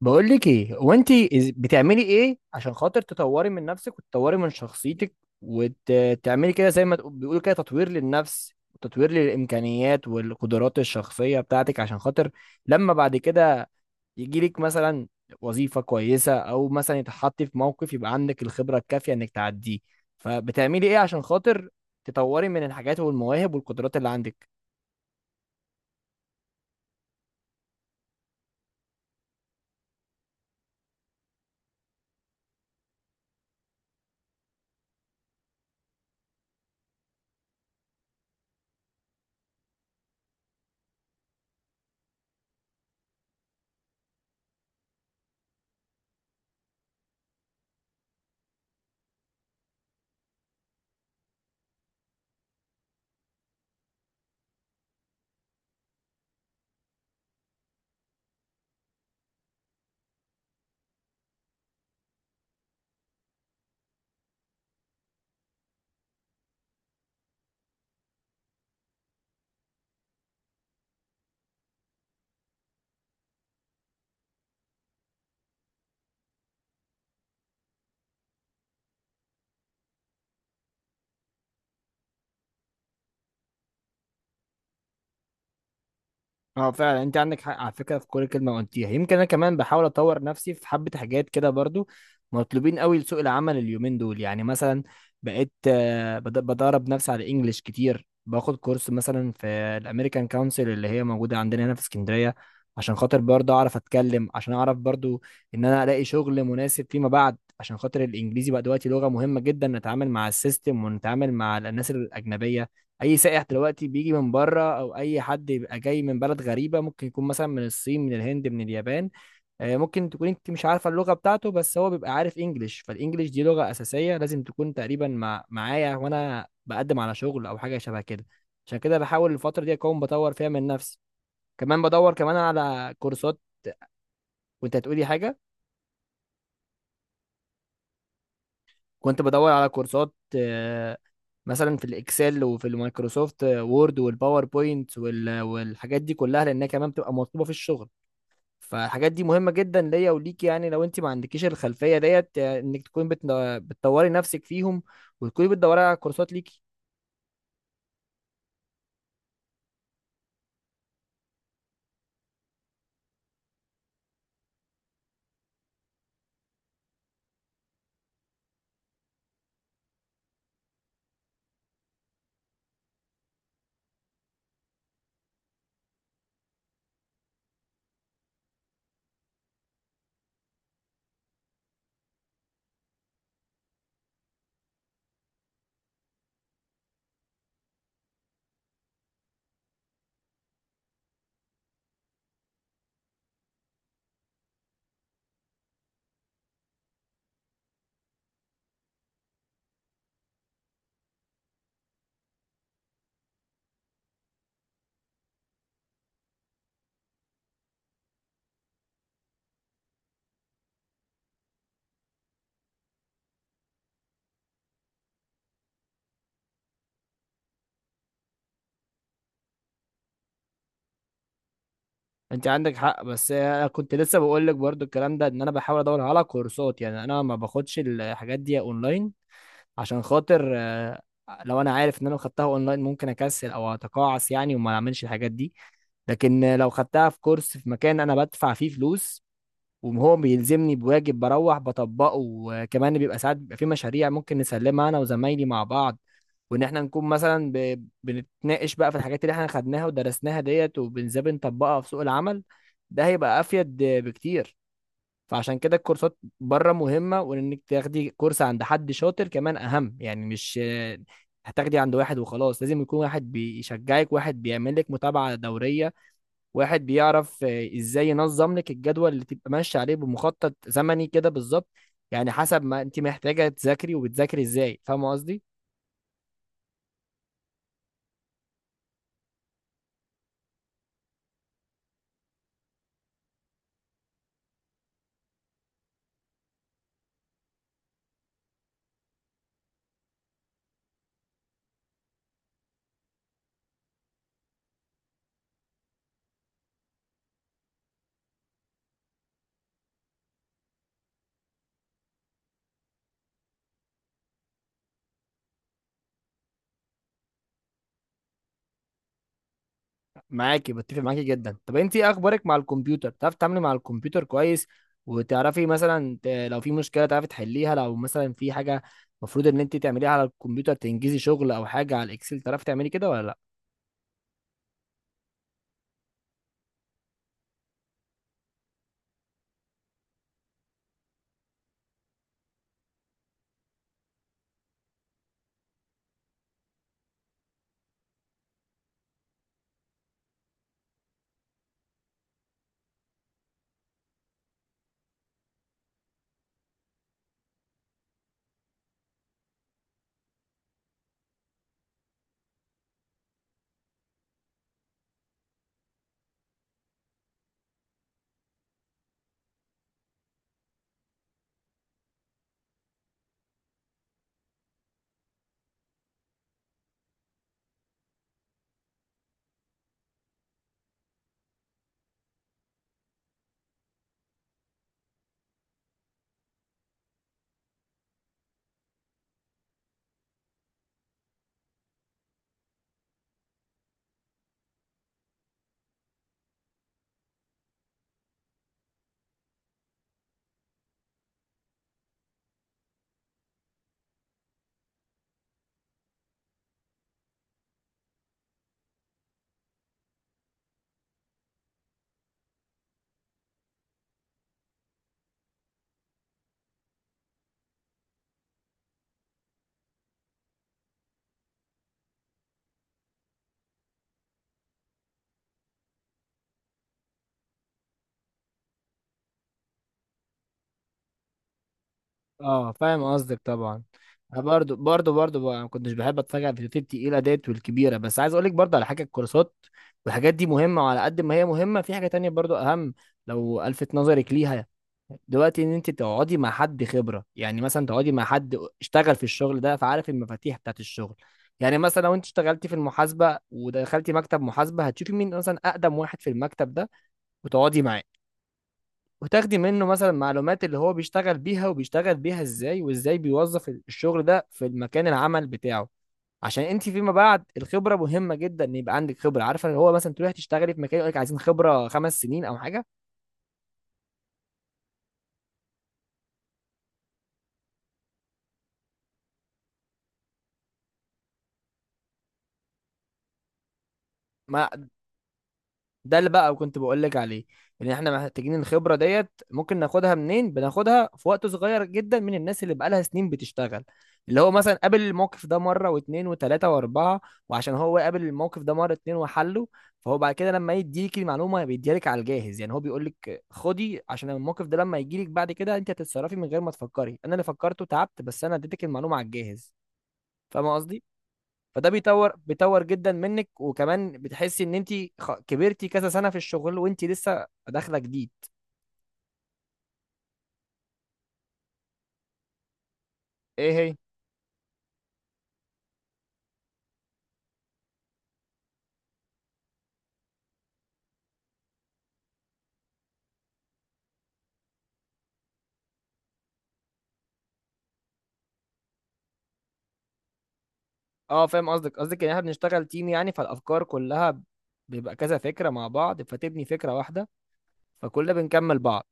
بقول لك ايه. هو انت بتعملي ايه عشان خاطر تطوري من نفسك وتطوري من شخصيتك وتعملي كده زي ما بيقولوا كده تطوير للنفس وتطوير للامكانيات والقدرات الشخصيه بتاعتك؟ عشان خاطر لما بعد كده يجيلك مثلا وظيفه كويسه، او مثلا يتحطي في موقف يبقى عندك الخبره الكافيه انك تعديه. فبتعملي ايه عشان خاطر تطوري من الحاجات والمواهب والقدرات اللي عندك؟ اه، فعلا انت عندك حق على فكره في كل كلمه قلتيها. يمكن انا كمان بحاول اطور نفسي في حبه حاجات كده، برضو مطلوبين قوي لسوق العمل اليومين دول. يعني مثلا بقيت بدرب نفسي على الانجليش كتير، باخد كورس مثلا في الامريكان كونسل اللي هي موجوده عندنا هنا في اسكندريه، عشان خاطر برضو اعرف اتكلم، عشان اعرف برضو ان انا الاقي شغل مناسب فيما بعد. عشان خاطر الانجليزي بقى دلوقتي لغه مهمه جدا، نتعامل مع السيستم ونتعامل مع الناس الاجنبيه. اي سائح دلوقتي بيجي من بره، او اي حد بيبقى جاي من بلد غريبه ممكن يكون مثلا من الصين، من الهند، من اليابان، ممكن تكون انت مش عارفه اللغه بتاعته، بس هو بيبقى عارف انجليش. فالانجليش دي لغه اساسيه، لازم تكون تقريبا مع معايا وانا بقدم على شغل او حاجه شبه كده. عشان كده بحاول الفتره دي اكون بطور فيها من نفسي، كمان بدور كمان على كورسات. وانت هتقولي حاجه؟ كنت بدور على كورسات مثلا في الاكسل وفي المايكروسوفت وورد والباوربوينت والحاجات دي كلها، لانها كمان بتبقى مطلوبه في الشغل. فالحاجات دي مهمة جدا ليا وليك. يعني لو انت ما عندكيش الخلفية ديت، يعني انك تكوني بتطوري نفسك فيهم وتكوني بتدوري على كورسات ليكي. انت عندك حق، بس انا كنت لسه بقول لك برضو الكلام ده، ان انا بحاول ادور على كورسات. يعني انا ما باخدش الحاجات دي اونلاين عشان خاطر لو انا عارف ان انا خدتها اونلاين ممكن اكسل او اتقاعس يعني، وما اعملش الحاجات دي. لكن لو خدتها في كورس في مكان انا بدفع فيه فلوس، وهو بيلزمني بواجب بروح بطبقه، وكمان بيبقى ساعات بيبقى في مشاريع ممكن نسلمها انا وزمايلي مع بعض، وان احنا نكون مثلا بنتناقش بقى في الحاجات اللي احنا خدناها ودرسناها ديت، وبنزاي بنطبقها في سوق العمل، ده هيبقى افيد بكتير. فعشان كده الكورسات بره مهمة، وانك تاخدي كورس عند حد شاطر كمان اهم. يعني مش هتاخدي عند واحد وخلاص، لازم يكون واحد بيشجعك، واحد بيعمل لك متابعة دورية، واحد بيعرف ازاي ينظم لك الجدول اللي تبقى ماشي عليه بمخطط زمني كده بالظبط، يعني حسب ما انت محتاجه تذاكري وبتذاكري ازاي. فاهمه قصدي؟ معاكي، بتفق معاكي جدا. طب انت ايه اخبارك مع الكمبيوتر؟ بتعرفي تتعاملي مع الكمبيوتر كويس؟ وتعرفي مثلا لو في مشكله تعرفي تحليها؟ لو مثلا في حاجه المفروض ان انت تعمليها على الكمبيوتر تنجزي شغل او حاجه على الاكسل، تعرفي تعملي كده ولا لا؟ اه، فاهم قصدك طبعا. انا برضو برضو بقى ما كنتش بحب اتفرج على الفيديوهات التقيله ديت والكبيره. بس عايز اقول لك برضو على حاجه، الكورسات والحاجات دي مهمه، وعلى قد ما هي مهمه في حاجه تانية برضو اهم لو الفت نظرك ليها دلوقتي. ان انت تقعدي مع حد خبره، يعني مثلا تقعدي مع حد اشتغل في الشغل ده فعارف المفاتيح بتاعت الشغل. يعني مثلا لو انت اشتغلتي في المحاسبه ودخلتي مكتب محاسبه، هتشوفي مين مثلا اقدم واحد في المكتب ده، وتقعدي معاه وتاخدي منه مثلا معلومات اللي هو بيشتغل بيها، وبيشتغل بيها ازاي، وازاي بيوظف الشغل ده في المكان العمل بتاعه. عشان انت فيما بعد الخبره مهمه جدا، ان يبقى عندك خبره عارفه. اللي هو مثلا تروحي تشتغلي في مكان يقول لك عايزين خبره خمس سنين او حاجه. ما ده اللي بقى كنت بقول لك عليه، ان احنا محتاجين الخبره ديت ممكن ناخدها منين. بناخدها في وقت صغير جدا من الناس اللي بقالها سنين بتشتغل، اللي هو مثلا قابل الموقف ده مره واتنين وتلاته واربعه. وعشان هو قابل الموقف ده مره اتنين وحله، فهو بعد كده لما يديك المعلومه بيديلك على الجاهز. يعني هو بيقول لك خدي، عشان الموقف ده لما يجيلك بعد كده انت هتتصرفي من غير ما تفكري. انا اللي فكرته تعبت، بس انا اديتك المعلومه على الجاهز. فاهم قصدي؟ فده بيطور بيطور جدا منك، وكمان بتحسي ان انت كبرتي كذا سنه في الشغل وانت لسه داخله جديد. ايه هي؟ اه، فاهم قصدك. قصدك ان احنا بنشتغل تيم، يعني فالافكار كلها بيبقى كذا فكره مع بعض فتبني فكره واحده، فكلنا بنكمل بعض.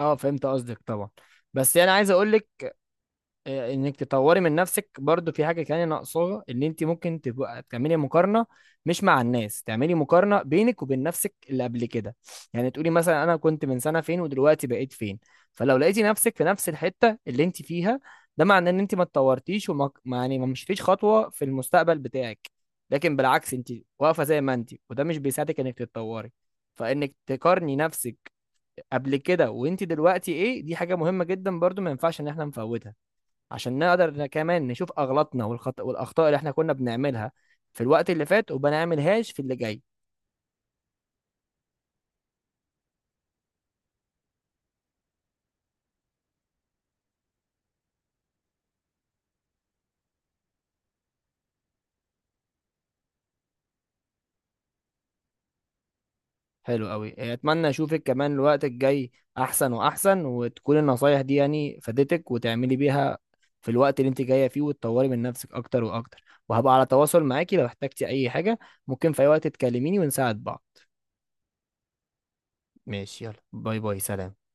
اه، فهمت قصدك طبعا. بس انا عايز اقول لك انك تطوري من نفسك برضو في حاجه تانية ناقصاها. ان انت ممكن تبقى تعملي مقارنه، مش مع الناس، تعملي مقارنه بينك وبين نفسك اللي قبل كده. يعني تقولي مثلا انا كنت من سنه فين ودلوقتي بقيت فين. فلو لقيتي نفسك في نفس الحته اللي انت فيها، ده معناه ان انت ما اتطورتيش وما ما- يعني ما مشيتيش خطوه في المستقبل بتاعك. لكن بالعكس، انت واقفه زي ما انت، وده مش بيساعدك انك تتطوري. فانك تقارني نفسك قبل كده وانت دلوقتي ايه، دي حاجه مهمه جدا برضو، ما ينفعش ان احنا نفوتها، عشان نقدر كمان نشوف اغلاطنا والاخطاء اللي احنا كنا بنعملها في الوقت اللي فات، وما نعملهاش في اللي جاي. حلو قوي. اتمنى اشوفك كمان الوقت الجاي احسن واحسن، وتكون النصايح دي يعني فادتك وتعملي بيها في الوقت اللي انت جايه فيه، وتطوري من نفسك اكتر واكتر. وهبقى على تواصل معاكي لو احتجتي اي حاجه، ممكن في اي وقت تكلميني ونساعد بعض. ماشي، يلا باي باي، سلام.